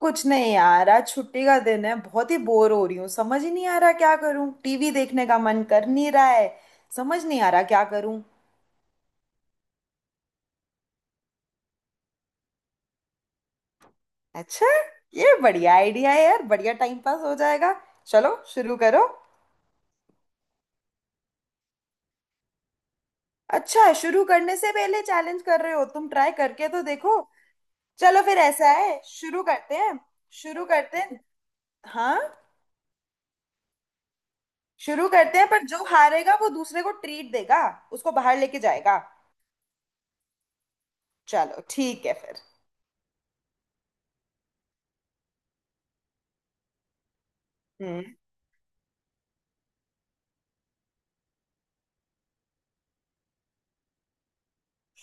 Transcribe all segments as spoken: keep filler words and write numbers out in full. कुछ नहीं यार, आज छुट्टी का दिन है। बहुत ही बोर हो रही हूँ। समझ ही नहीं आ रहा क्या करूँ। टीवी देखने का मन कर नहीं रहा है। समझ नहीं आ रहा क्या करूँ। अच्छा, ये बढ़िया आइडिया है यार, बढ़िया टाइम पास हो जाएगा। चलो शुरू करो। अच्छा, शुरू करने से पहले चैलेंज कर रहे हो तुम, ट्राई करके तो देखो। चलो फिर, ऐसा है शुरू करते हैं। शुरू करते हैं हाँ शुरू करते हैं पर जो हारेगा वो दूसरे को ट्रीट देगा, उसको बाहर लेके जाएगा। चलो ठीक है फिर। हम्म।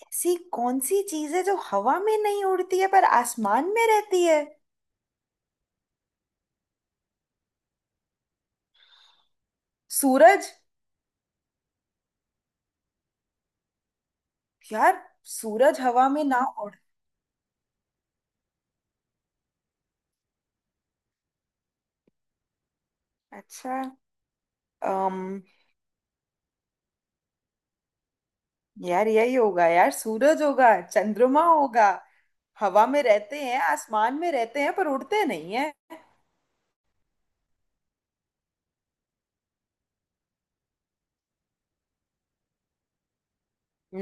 ऐसी कौन सी चीज है जो हवा में नहीं उड़ती है पर आसमान में रहती है? सूरज। यार, सूरज हवा में ना उड़। अच्छा। अम यार यही होगा, यार सूरज होगा, चंद्रमा होगा। हवा में रहते हैं, आसमान में रहते हैं, पर उड़ते नहीं है।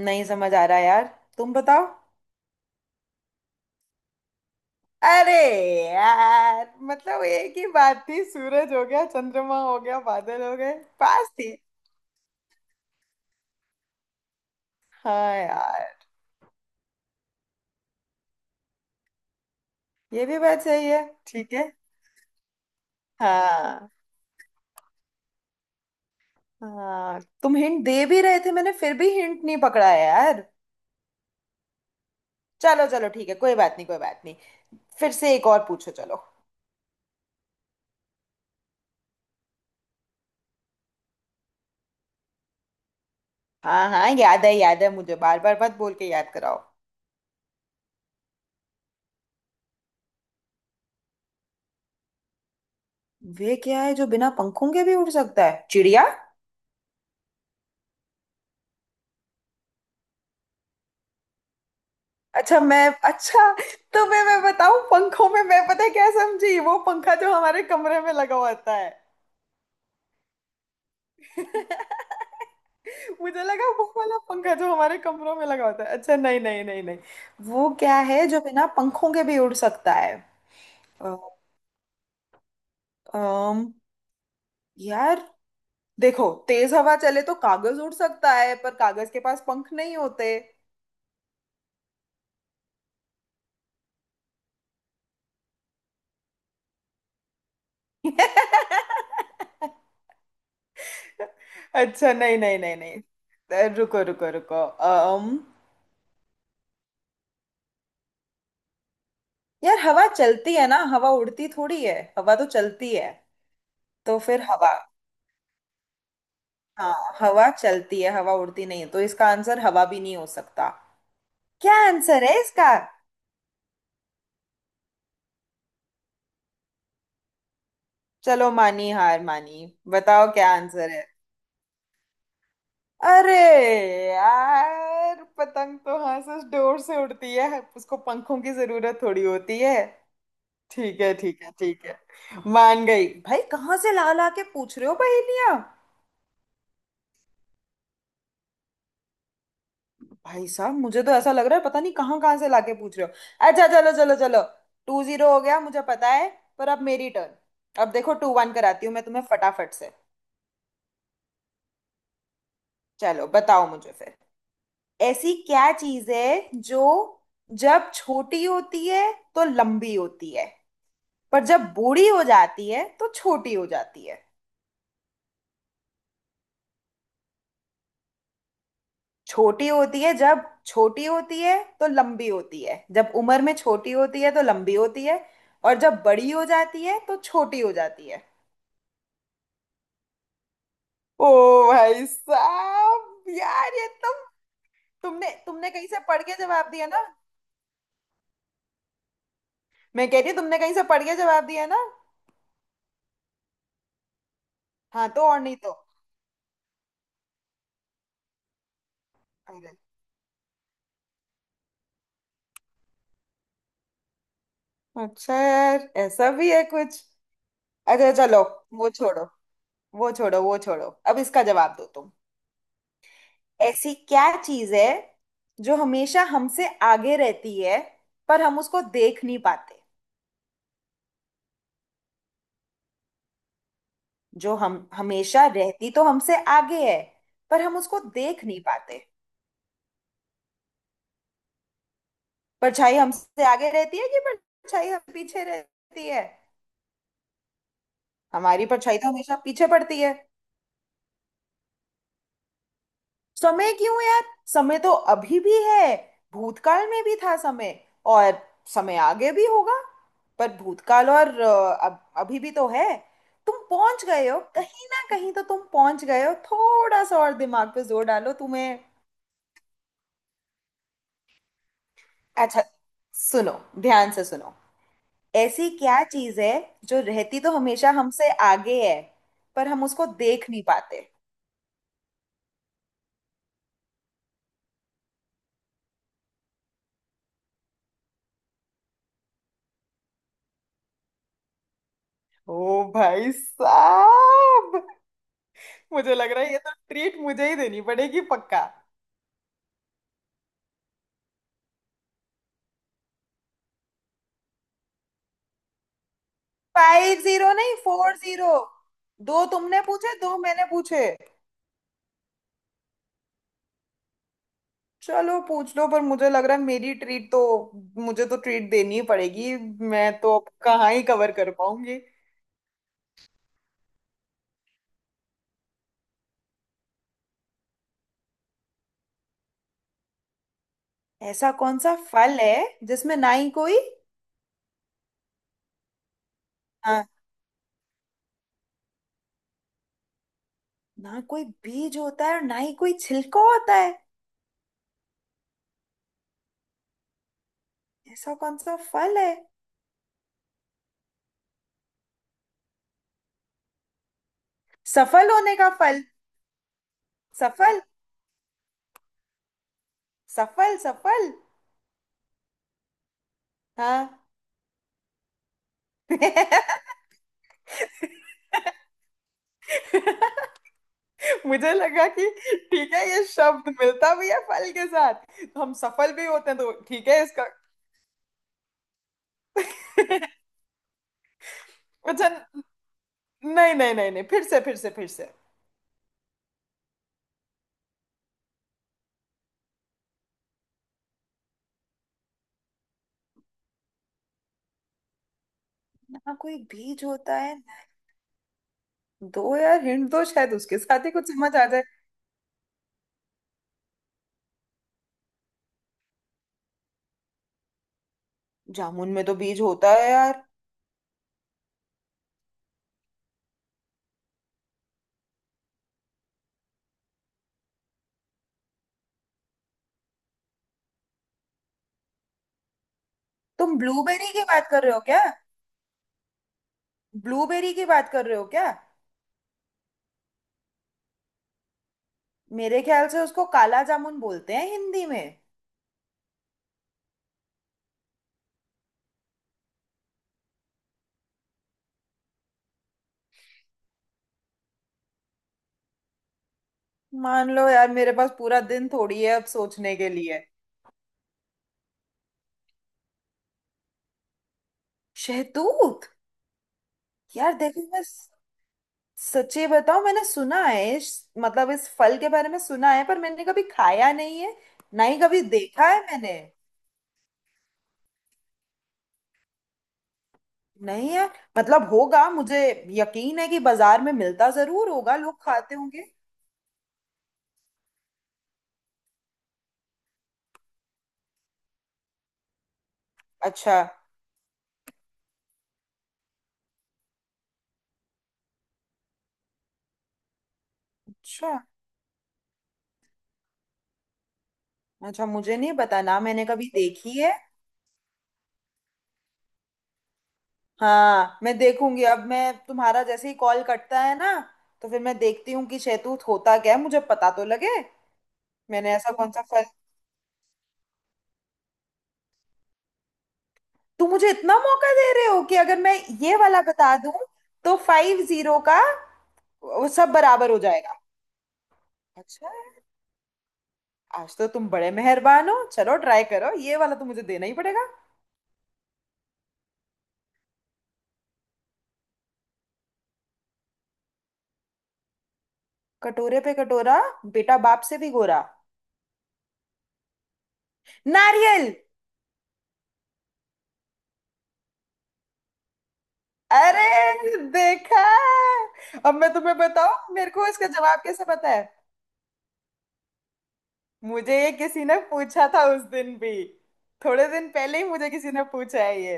नहीं समझ आ रहा यार, तुम बताओ। अरे यार, मतलब एक ही बात थी, सूरज हो गया, चंद्रमा हो गया, बादल हो गए पास थी। हाँ यार, ये भी बात सही है, ठीक है। हाँ, हाँ तुम हिंट दे भी रहे थे, मैंने फिर भी हिंट नहीं पकड़ा है यार। चलो चलो ठीक है, कोई बात नहीं, कोई बात नहीं। फिर से एक और पूछो चलो। हाँ हाँ, याद है याद है मुझे, बार बार मत बोल के याद कराओ। वे क्या है जो बिना पंखों के भी उड़ सकता है? चिड़िया। अच्छा, मैं अच्छा, तुम्हें मैं बताऊं, पंखों में मैं पता है क्या समझी, वो पंखा जो हमारे कमरे में लगा हुआ होता है। मुझे लगा वो वाला पंखा जो हमारे कमरों में लगा होता है। अच्छा, नहीं नहीं नहीं नहीं। वो क्या है जो बिना पंखों के भी उड़ सकता है? यार देखो, तेज हवा चले तो कागज उड़ सकता है, पर कागज के पास पंख नहीं होते। अच्छा, नहीं नहीं नहीं नहीं, अ, रुको रुको रुको। अम यार हवा चलती है ना, हवा उड़ती थोड़ी है, हवा तो चलती है। तो फिर हवा, हाँ हवा चलती है, हवा उड़ती नहीं है, तो इसका आंसर हवा भी नहीं हो सकता। क्या आंसर है इसका? चलो मानी, हार मानी, बताओ क्या आंसर है। अरे यार, पतंग तो हाँ सच डोर से उड़ती है, उसको पंखों की जरूरत थोड़ी होती है। ठीक है ठीक है ठीक है, मान गई भाई, कहाँ से ला ला के पूछ रहे हो पहेलियां। भाई साहब, मुझे तो ऐसा लग रहा है पता नहीं कहाँ कहाँ से लाके पूछ रहे हो। अच्छा चलो चलो चलो, टू जीरो हो गया मुझे पता है। पर अब मेरी टर्न, अब देखो टू वन कराती हूँ मैं तुम्हें फटाफट से। चलो बताओ मुझे फिर, ऐसी क्या चीज है जो जब छोटी होती है तो लंबी होती है, पर जब बूढ़ी हो जाती है तो छोटी हो जाती है? छोटी होती है जब छोटी होती है तो लंबी होती है, जब उम्र में छोटी होती है तो लंबी होती है, और जब बड़ी हो जाती है तो छोटी हो जाती है। ओ भाई साहब, यार ये तुम, तुमने तुमने कहीं से पढ़ के जवाब दिया ना। मैं कह रही हूँ तुमने कहीं से पढ़ के जवाब दिया ना। हाँ तो और नहीं तो। अरे, अच्छा यार, ऐसा भी है कुछ। अच्छा चलो, वो छोड़ो वो छोड़ो वो छोड़ो, अब इसका जवाब दो तुम। ऐसी क्या चीज है जो हमेशा हमसे आगे रहती है, पर हम उसको देख नहीं पाते? जो हम हमेशा रहती तो हमसे आगे है, पर हम उसको देख नहीं पाते। परछाई हमसे आगे रहती है कि परछाई हम पीछे रहती है? हमारी परछाई तो हमेशा पीछे पड़ती है। समय क्यों यार, समय तो अभी भी है, भूतकाल में भी था समय, और समय आगे भी होगा। पर भूतकाल और अ, अब अभी भी तो है। तुम पहुंच गए हो कहीं ना कहीं, तो तुम पहुंच गए हो, थोड़ा सा और दिमाग पे जोर डालो तुम्हें। अच्छा सुनो, ध्यान से सुनो, ऐसी क्या चीज है जो रहती तो हमेशा हमसे आगे है, पर हम उसको देख नहीं पाते? ओ भाई साहब, मुझे लग रहा है ये तो ट्रीट मुझे ही देनी पड़ेगी पक्का। फाइव जीरो नहीं, फोर जीरो। दो तुमने पूछे, दो मैंने पूछे। चलो पूछ लो, पर मुझे लग रहा है मेरी ट्रीट तो, मुझे तो ट्रीट देनी ही पड़ेगी, मैं तो अब कहाँ ही कवर कर पाऊंगी। ऐसा कौन सा फल है जिसमें ना ही कोई, हाँ, ना कोई बीज होता है और ना ही कोई छिलका होता है। ऐसा कौन सा फल है? सफल होने का फल, सफल सफल सफल हाँ। मुझे लगा कि ठीक है, ये शब्द मिलता भी है फल के साथ, तो हम सफल भी होते हैं, तो ठीक है इसका। अच्छा, नहीं नहीं नहीं नहीं, फिर से फिर से फिर से। ना कोई बीज होता है ना-, दो यार हिंट दो, शायद उसके साथ ही कुछ समझ आ जाए। जामुन में तो बीज होता है यार। तुम ब्लूबेरी की बात कर रहे हो क्या? ब्लूबेरी की बात कर रहे हो क्या? मेरे ख्याल से उसको काला जामुन बोलते हैं हिंदी में। मान लो यार, मेरे पास पूरा दिन थोड़ी है अब सोचने के लिए। शहतूत। यार देखो बस, सच्ची बताओ, मैंने सुना है इस-, मतलब इस फल के बारे में सुना है, पर मैंने कभी खाया नहीं है, ना ही कभी देखा है मैंने। नहीं यार, मतलब होगा, मुझे यकीन है कि बाजार में मिलता जरूर होगा, लोग खाते होंगे। अच्छा, अच्छा अच्छा मुझे नहीं पता ना, मैंने कभी देखी है। हाँ मैं देखूंगी, अब मैं तुम्हारा जैसे ही कॉल कटता है ना, तो फिर मैं देखती हूँ कि शहतूत होता क्या है, मुझे पता तो लगे। मैंने ऐसा कौन सा फल, तुम मुझे इतना मौका दे रहे हो कि अगर मैं ये वाला बता दूं, तो फाइव जीरो का वो सब बराबर हो जाएगा। अच्छा, आज तो तुम बड़े मेहरबान हो, चलो ट्राई करो, ये वाला तो मुझे देना ही पड़ेगा। कटोरे पे कटोरा, बेटा बाप से भी गोरा, नारियल। अरे देखा, अब मैं तुम्हें बताऊं मेरे को इसका जवाब कैसे पता है। मुझे ये किसी ने पूछा था उस दिन भी, थोड़े दिन पहले ही मुझे किसी ने पूछा है ये।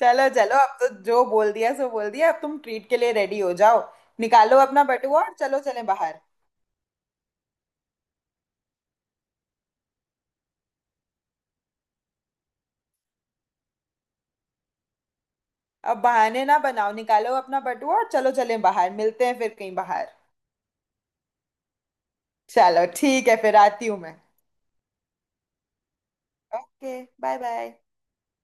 चलो चलो, अब तो जो बोल दिया सो बोल दिया, अब तुम ट्रीट के लिए रेडी हो जाओ। निकालो अपना बटुआ और चलो चलें बाहर। अब बहाने ना बनाओ, निकालो अपना बटुआ और चलो चलें बाहर, मिलते हैं फिर कहीं बाहर। चलो ठीक है, फिर आती हूँ मैं। Okay bye bye.